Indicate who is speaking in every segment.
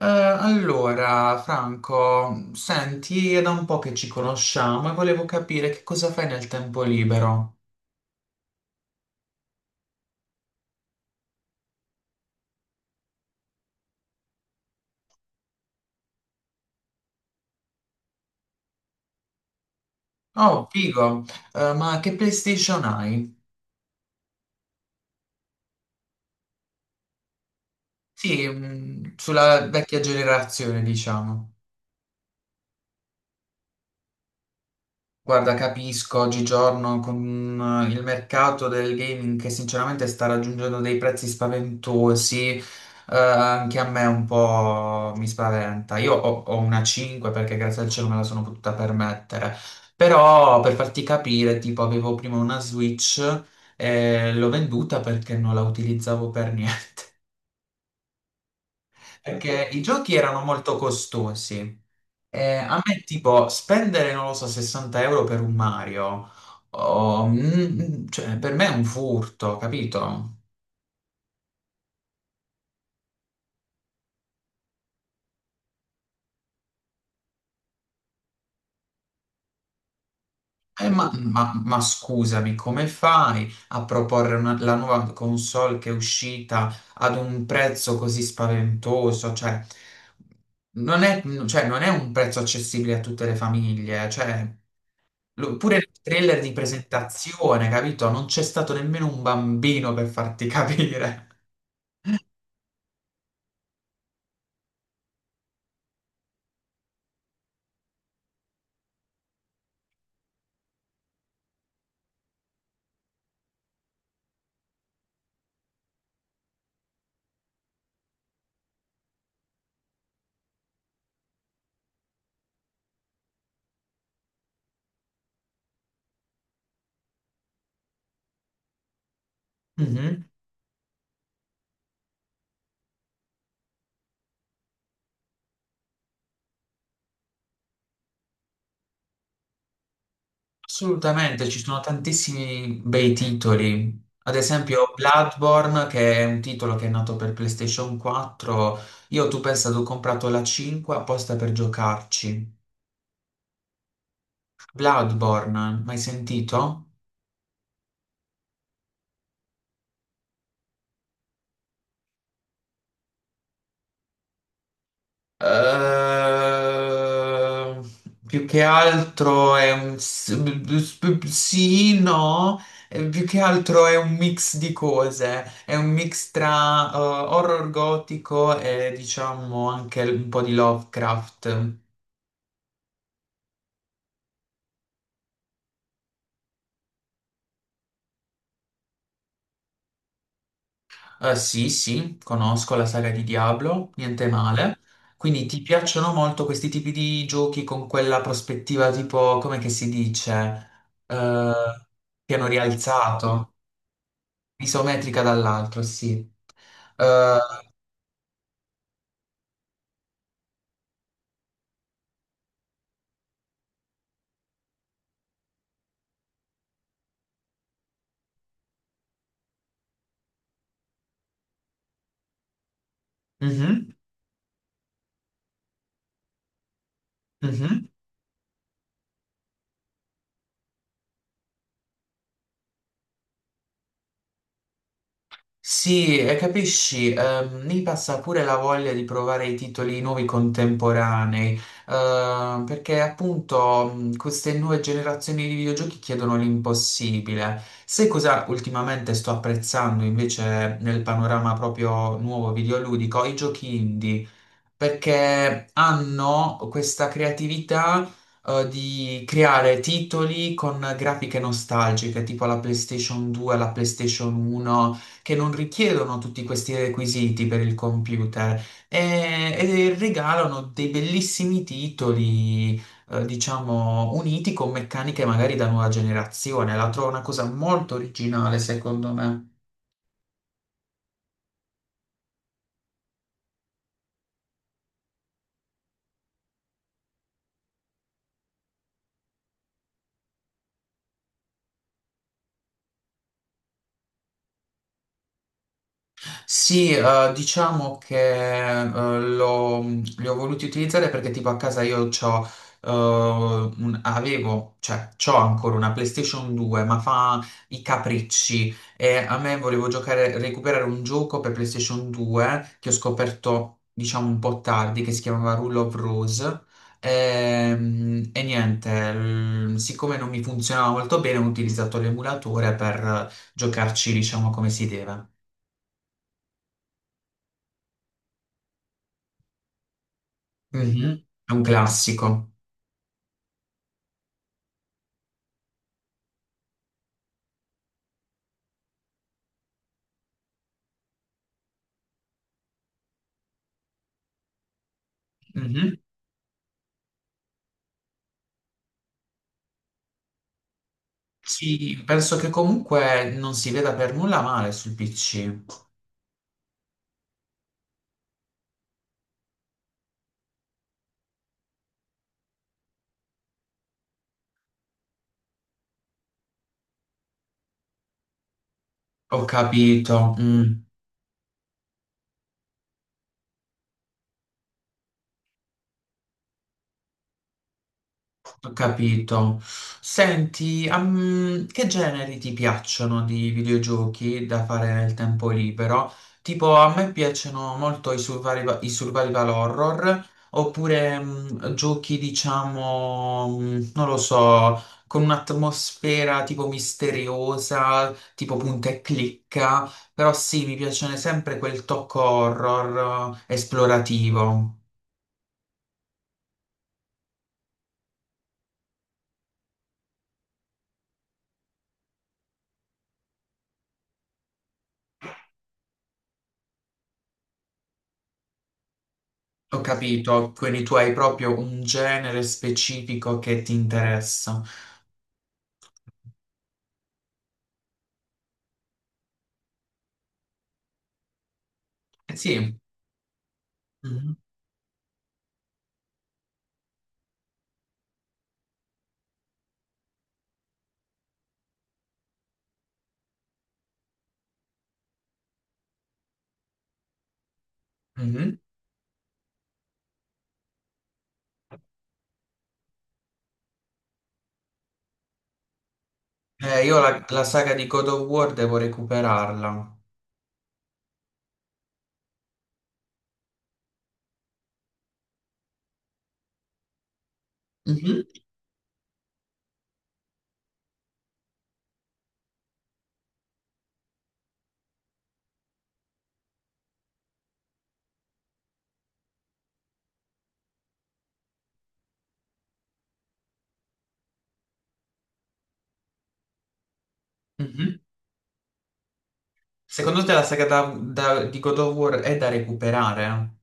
Speaker 1: Allora, Franco, senti, è da un po' che ci conosciamo e volevo capire che cosa fai nel tempo libero. Oh, figo. Ma che PlayStation hai? Sì, sulla vecchia generazione, diciamo. Guarda, capisco, oggigiorno con il mercato del gaming che sinceramente sta raggiungendo dei prezzi spaventosi, anche a me un po' mi spaventa. Io ho una 5 perché grazie al cielo me la sono potuta permettere, però per farti capire, tipo avevo prima una Switch e l'ho venduta perché non la utilizzavo per niente, perché i giochi erano molto costosi. A me tipo spendere, non lo so, 60 euro per un Mario, o, mm, cioè per me è un furto, capito? Ma scusami, come fai a proporre la nuova console che è uscita ad un prezzo così spaventoso? Non è, cioè, non è un prezzo accessibile a tutte le famiglie, cioè, pure il trailer di presentazione, capito? Non c'è stato nemmeno un bambino per farti capire. Assolutamente, ci sono tantissimi bei titoli. Ad esempio Bloodborne, che è un titolo che è nato per PlayStation 4. Io tu pensa, ho comprato la 5 apposta per giocarci. Bloodborne, mai sentito? Ehm, Più che altro è un sì, no. Più che altro è un mix di cose, è un mix tra horror gotico e diciamo anche un po' di Lovecraft. Sì, sì, conosco la saga di Diablo, niente male. Quindi ti piacciono molto questi tipi di giochi con quella prospettiva tipo, come che si dice? Eh, Piano rialzato. Isometrica dall'altro, sì. Eh, mhm, mhm. Sì, e capisci, mi passa pure la voglia di provare i titoli nuovi contemporanei, perché appunto queste nuove generazioni di videogiochi chiedono l'impossibile. Sai cosa ultimamente sto apprezzando invece nel panorama proprio nuovo videoludico? I giochi indie. Perché hanno questa creatività di creare titoli con grafiche nostalgiche, tipo la PlayStation 2, la PlayStation 1, che non richiedono tutti questi requisiti per il computer e regalano dei bellissimi titoli. Diciamo uniti con meccaniche magari da nuova generazione, la trovo una cosa molto originale, secondo me. Sì, diciamo che li ho voluti utilizzare perché tipo a casa io c'ho, avevo, cioè c'ho ancora una PlayStation 2, ma fa i capricci e a me volevo giocare, recuperare un gioco per PlayStation 2 che ho scoperto, diciamo, un po' tardi, che si chiamava Rule of Rose. E, niente, siccome non mi funzionava molto bene, ho utilizzato l'emulatore per giocarci, diciamo, come si deve. Mhm, è un classico. Mhm. Sì, penso che comunque non si veda per nulla male sul PC. Ho capito. Mm. Ho capito. Senti, che generi ti piacciono di videogiochi da fare nel tempo libero? Tipo, a me piacciono molto i survival horror, oppure giochi, diciamo, non lo so, con un'atmosfera tipo misteriosa, tipo punta e clicca, però sì, mi piace sempre quel tocco horror esplorativo. Ho capito, quindi tu hai proprio un genere specifico che ti interessa. Eh sì. Mhm, mhm. Io la saga di God of War devo recuperarla. Mhm, mhm. Secondo te la saga di God of War è da recuperare?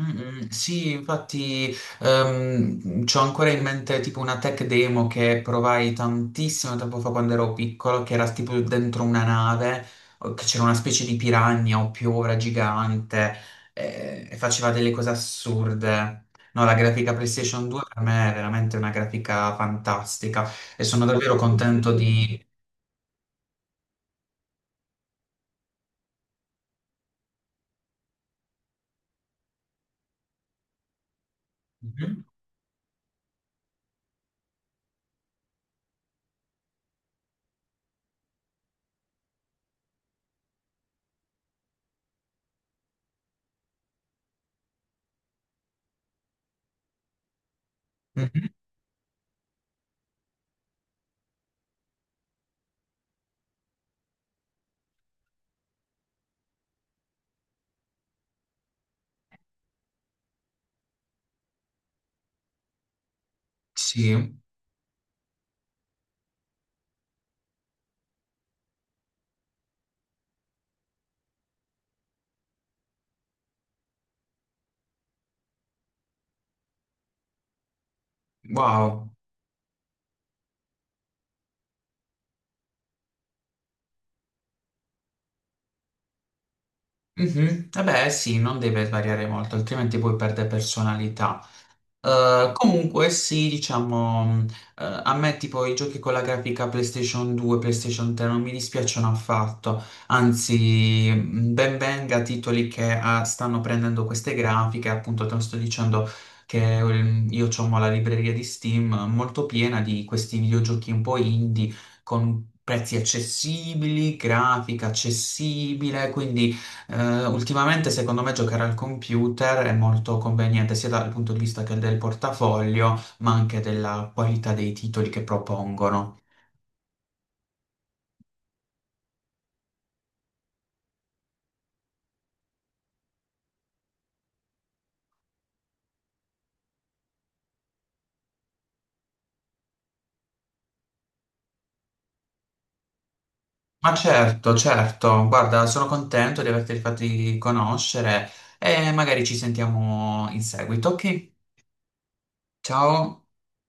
Speaker 1: Mm, mm, sì, infatti c'ho ancora in mente tipo una tech demo che provai tantissimo tempo fa quando ero piccolo, che era tipo dentro una nave, o che c'era una specie di piranha o piovra gigante e faceva delle cose assurde. No, la grafica PlayStation 2 per me è veramente una grafica fantastica e sono davvero contento di... Mhm, mhm, sì, wow. Mhm. Eh beh, sì, non deve variare molto, altrimenti poi perde personalità. Comunque sì, diciamo, a me tipo i giochi con la grafica PlayStation 2, PlayStation 3 non mi dispiacciono affatto, anzi ben venga titoli che stanno prendendo queste grafiche, appunto te lo sto dicendo che io ho la libreria di Steam molto piena di questi videogiochi un po' indie con prezzi accessibili, grafica accessibile, quindi... Ultimamente secondo me giocare al computer è molto conveniente sia dal punto di vista che del portafoglio, ma anche della qualità dei titoli che propongono. Ma certo, certo, guarda, sono contento di averti fatti conoscere e magari ci sentiamo in seguito, ok? Ciao!